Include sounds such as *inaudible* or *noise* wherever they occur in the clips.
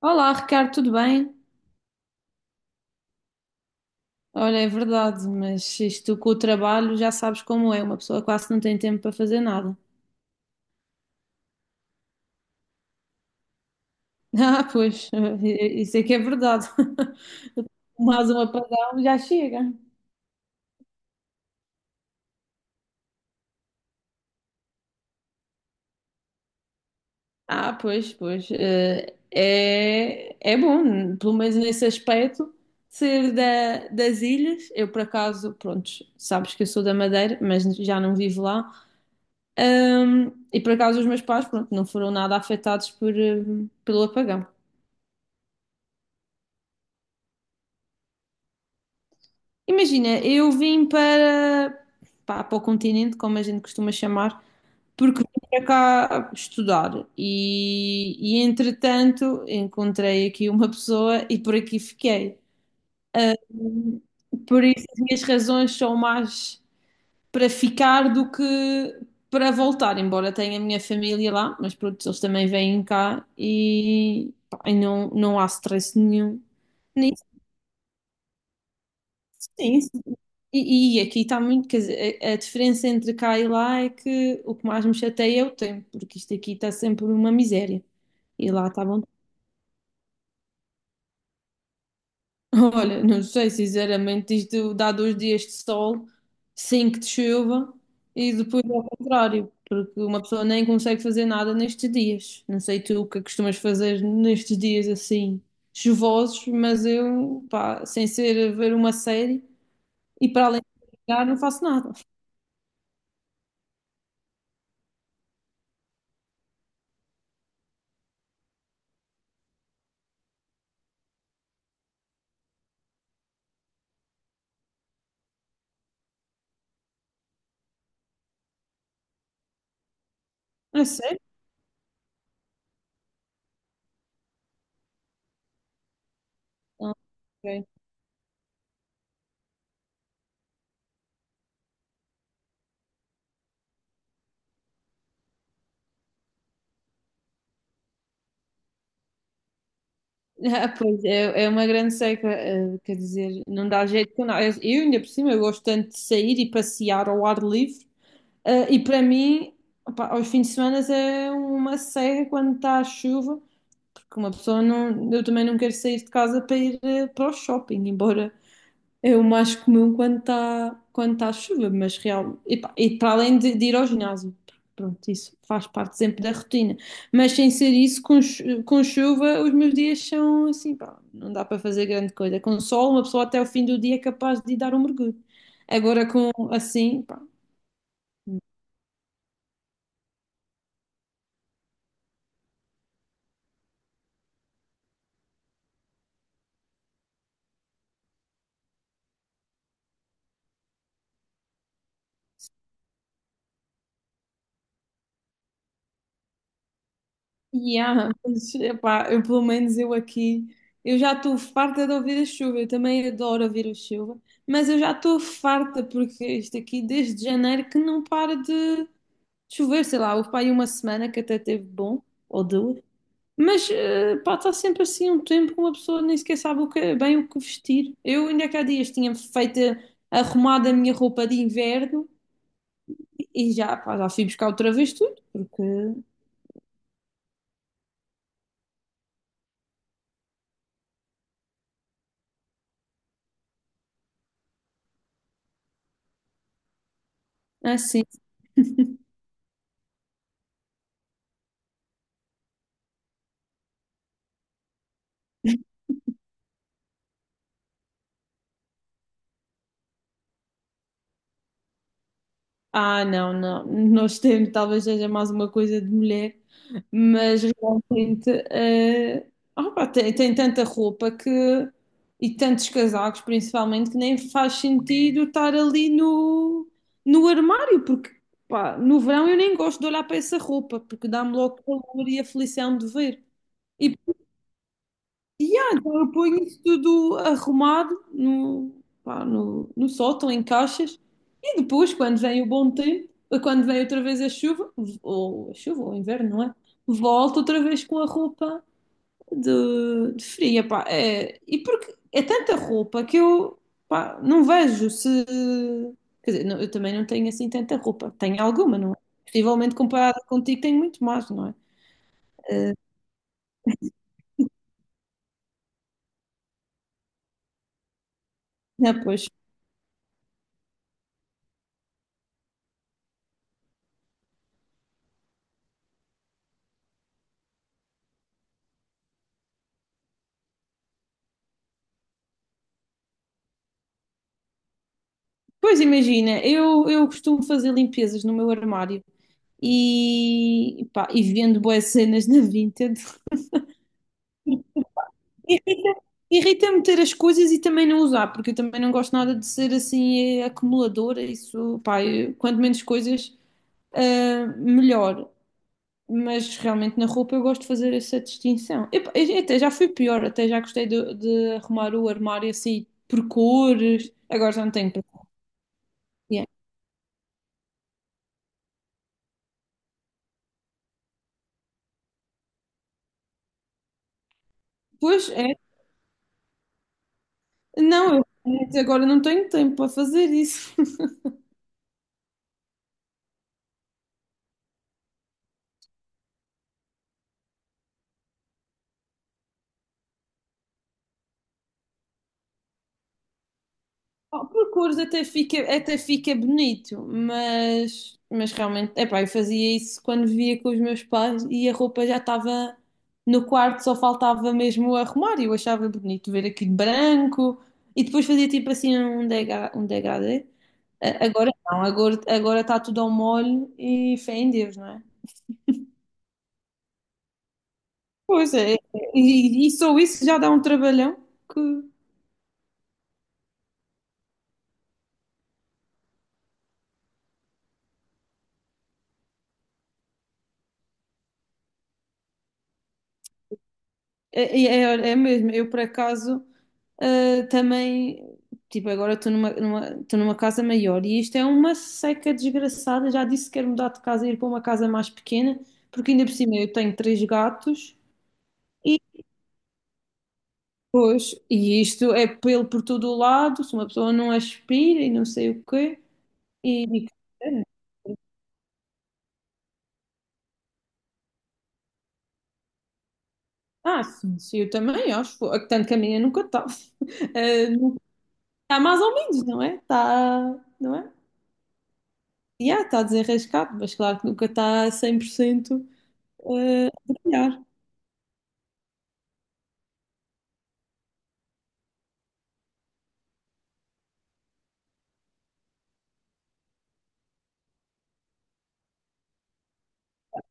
Olá, Ricardo, tudo bem? Olha, é verdade, mas isto com o trabalho já sabes como é, uma pessoa quase não tem tempo para fazer nada. *laughs* Ah, pois, isso é que é verdade. *laughs* Mais um apagão já chega. Ah, pois, pois. É, é bom, pelo menos nesse aspecto, ser das ilhas. Eu, por acaso, pronto, sabes que eu sou da Madeira, mas já não vivo lá. E, por acaso, os meus pais, pronto, não foram nada afetados pelo apagão. Imagina, eu vim para, pá, para o continente, como a gente costuma chamar, porque vim para cá estudar e entretanto encontrei aqui uma pessoa e por aqui fiquei. Ah, por isso as minhas razões são mais para ficar do que para voltar, embora tenha a minha família lá, mas pronto, eles também vêm cá e, pá, e não, não há stress nenhum. Nisso, sim. E aqui está muito, quer dizer, a diferença entre cá e lá é que o que mais me chateia é o tempo, porque isto aqui está sempre uma miséria. E lá está bom. *laughs* Olha, não sei, sinceramente, isto dá dois dias de sol, cinco de chuva e depois ao contrário, porque uma pessoa nem consegue fazer nada nestes dias. Não sei tu o que costumas fazer nestes dias assim chuvosos, mas eu, pá, sem ser ver uma série e para além de jogar, não faço nada. É sério? Ah, ok. *laughs* Ah, pois, é, é uma grande seca, quer dizer, não dá jeito com nada. Eu, ainda por cima, eu gosto tanto de sair e passear ao ar livre, eh, e para mim, opá, aos fins de semana é uma seca quando está a chuva, porque uma pessoa não, eu também não quero sair de casa para ir para o shopping, embora é o mais comum quando está quando tá chuva, mas real, e para além de ir ao ginásio, pronto, isso faz parte sempre da rotina. Mas sem ser isso, com chuva, os meus dias são assim, pá, não dá para fazer grande coisa. Com sol, uma pessoa até o fim do dia é capaz de ir dar um mergulho. Agora com assim, pá. Yeah, mas, epá, eu pelo menos eu aqui, eu já estou farta de ouvir a chuva, eu também adoro ouvir a chuva, mas eu já estou farta porque isto aqui desde janeiro que não para de chover, sei lá, houve para aí uma semana que até teve bom, ou duas, mas eh, pá, está sempre assim um tempo que uma pessoa nem sequer sabe bem o que vestir. Eu ainda que há dias tinha feito, arrumado a minha roupa de inverno e já, pá, já fui buscar outra vez tudo, porque é assim. Ah, não, não. *laughs* Nós temos, talvez seja mais uma coisa de mulher, mas realmente eh, ah, pá, tem tanta roupa que e tantos casacos, principalmente, que nem faz sentido estar ali no armário, porque pá, no verão eu nem gosto de olhar para essa roupa, porque dá-me logo calor e aflição de ver. E, e, então eu ponho isso tudo arrumado pá, no sótão, em caixas. E depois, quando vem o bom tempo, quando vem outra vez a chuva, ou o inverno, não é? Volto outra vez com a roupa de fria, pá. É, e porque é tanta roupa que eu, pá, não vejo se. Quer dizer, eu também não tenho assim tanta roupa. Tenho alguma, não é? Possivelmente comparada contigo, tenho muito mais, não é? Eh, não, pois. Pois imagina, eu costumo fazer limpezas no meu armário e, pá, e vendo boas cenas na Vinted. Irrita- Irrita-me ter as coisas e também não usar, porque eu também não gosto nada de ser assim acumuladora. Isso, pá, quanto menos coisas, ah, melhor. Mas realmente na roupa eu gosto de fazer essa distinção. Eu, pá, eu até já fui pior, até já gostei de arrumar o armário assim por cores. Agora já não tenho para. Yeah. Pois é, não, eu agora não tenho tempo para fazer isso. *laughs* O percurso até fica bonito, mas realmente, epá, eu fazia isso quando via com os meus pais e a roupa já estava no quarto, só faltava mesmo arrumar e eu achava bonito ver aquilo branco e depois fazia tipo assim um degradê. Agora não, agora está tudo ao molho e fé em Deus, não é? Pois é, e só isso já dá um trabalhão que. É, é, olha, é mesmo, eu por acaso ah, também, tipo, agora estou numa, numa, estou numa casa maior e isto é uma seca desgraçada. Já disse que quero mudar de casa e ir para uma casa mais pequena, porque ainda por cima eu tenho três gatos e depois, e isto é pelo por todo o lado, se uma pessoa não aspira e não sei o quê, e, e- ah, sim, sim, eu também acho, tanto que a minha nunca está. *laughs* Ah, nunca- Está mais ou menos, não é? Está, não é? Yeah, está desenrascado, mas claro que nunca está 100% a trabalhar.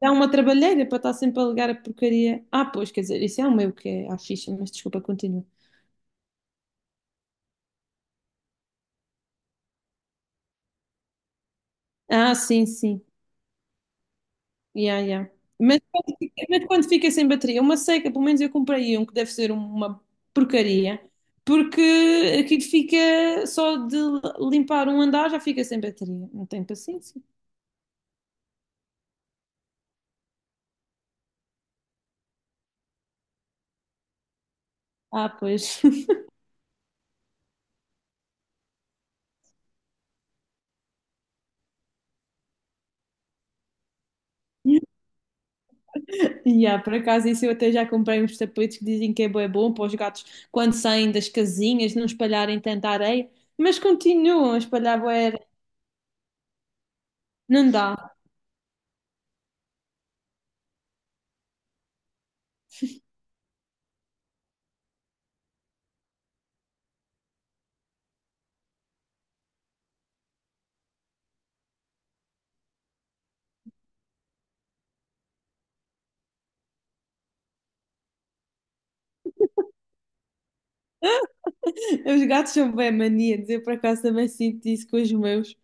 Dá uma trabalheira para estar sempre a ligar a porcaria. Ah, pois, quer dizer, isso é o meu que é à ficha, mas desculpa, continua. Ah, sim, sim. Yeah, yeah. Mas quando fica sem bateria, uma seca, pelo menos eu comprei um que deve ser uma porcaria, porque aquilo fica só de limpar um andar já fica sem bateria. Não tenho paciência. Ah, pois. *laughs* E há, por acaso, isso eu até já comprei uns tapetes que dizem que é bué bom para os gatos quando saem das casinhas não espalharem tanta areia, mas continuam a espalhar bué areia. Não dá. Os gatos são bué maníacos. Eu, por acaso, também sinto isso com os meus.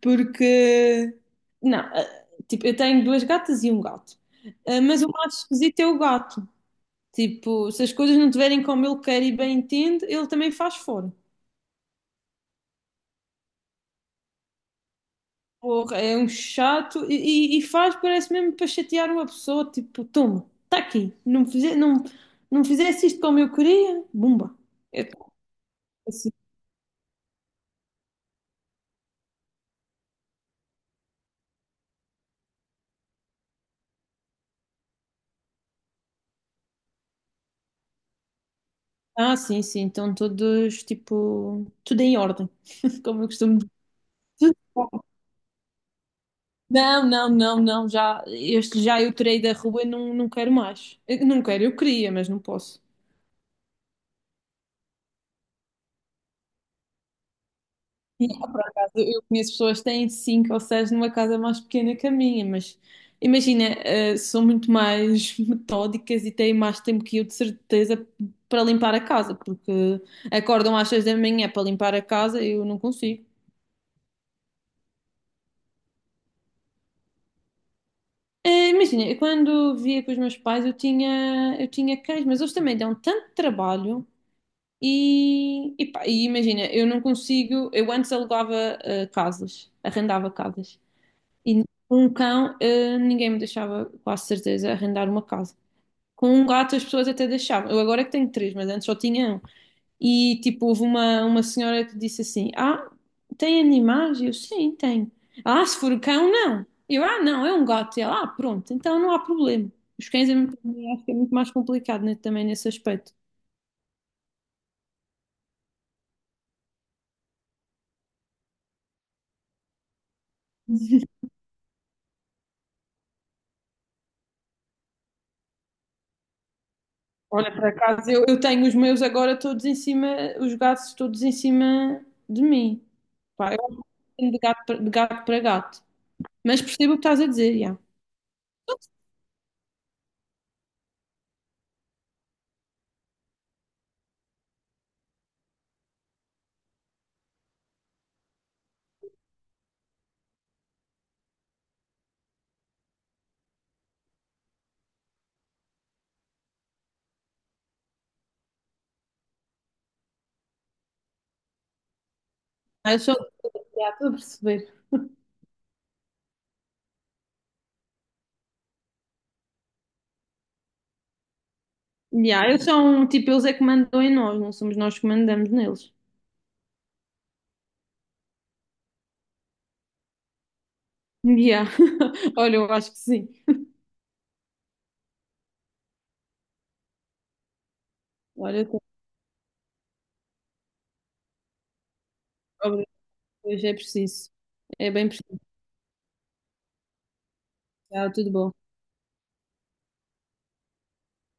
Porque, não, ah, tipo, eu tenho duas gatas e um gato. Ah, mas o mais esquisito é o gato. Tipo, se as coisas não estiverem como ele quer e bem entende, ele também faz fora. Porra, é um chato e faz, parece mesmo para chatear uma pessoa, tipo, toma, está aqui, não, não fizesse isto como eu queria, bumba. Eu, assim, ah, sim, sim, então todos, tipo, tudo em ordem, *laughs* como eu costumo dizer. Tudo bom. Não, não, não, não, já, este já eu tirei da rua e não, não quero mais. Eu Não quero, eu queria, mas não posso. Eu conheço pessoas que têm cinco ou seis numa casa mais pequena que a minha, mas imagina, eh, são muito mais *laughs* metódicas e têm mais tempo que eu, de certeza, para limpar a casa, porque acordam às seis da manhã para limpar a casa, eu não consigo. Eh, imagina, eu quando via com os meus pais, eu tinha cães, mas eles também dão tanto trabalho e pá, e imagina, eu não consigo, eu antes alugava, eh, casas, arrendava casas. E com um cão, eh, ninguém me deixava, quase certeza, arrendar uma casa. Com um gato, as pessoas até deixavam. Eu agora é que tenho três, mas antes só tinha um. E tipo, houve uma senhora que disse assim: Ah, tem animais? Eu, sim, tenho. Ah, se for cão, não. Eu, ah, não, é um gato. E ela, ah, pronto, então não há problema. Os cães, é acho que é muito mais complicado, né, também nesse aspecto. Olha, por acaso, eu tenho os meus agora todos em cima, os gatos todos em cima de mim. Pá, eu acho que tenho de gato, de gato para gato. Mas percebo o que estás a dizer, já. Ah, eu sou, já estou a perceber. Yeah, eles são, tipo, eles é que mandam em nós, não somos nós que mandamos neles. Yeah. *laughs* Olha, eu acho que sim. Olha, eu tenho obras que hoje é preciso. É bem preciso. Tá, tudo bom.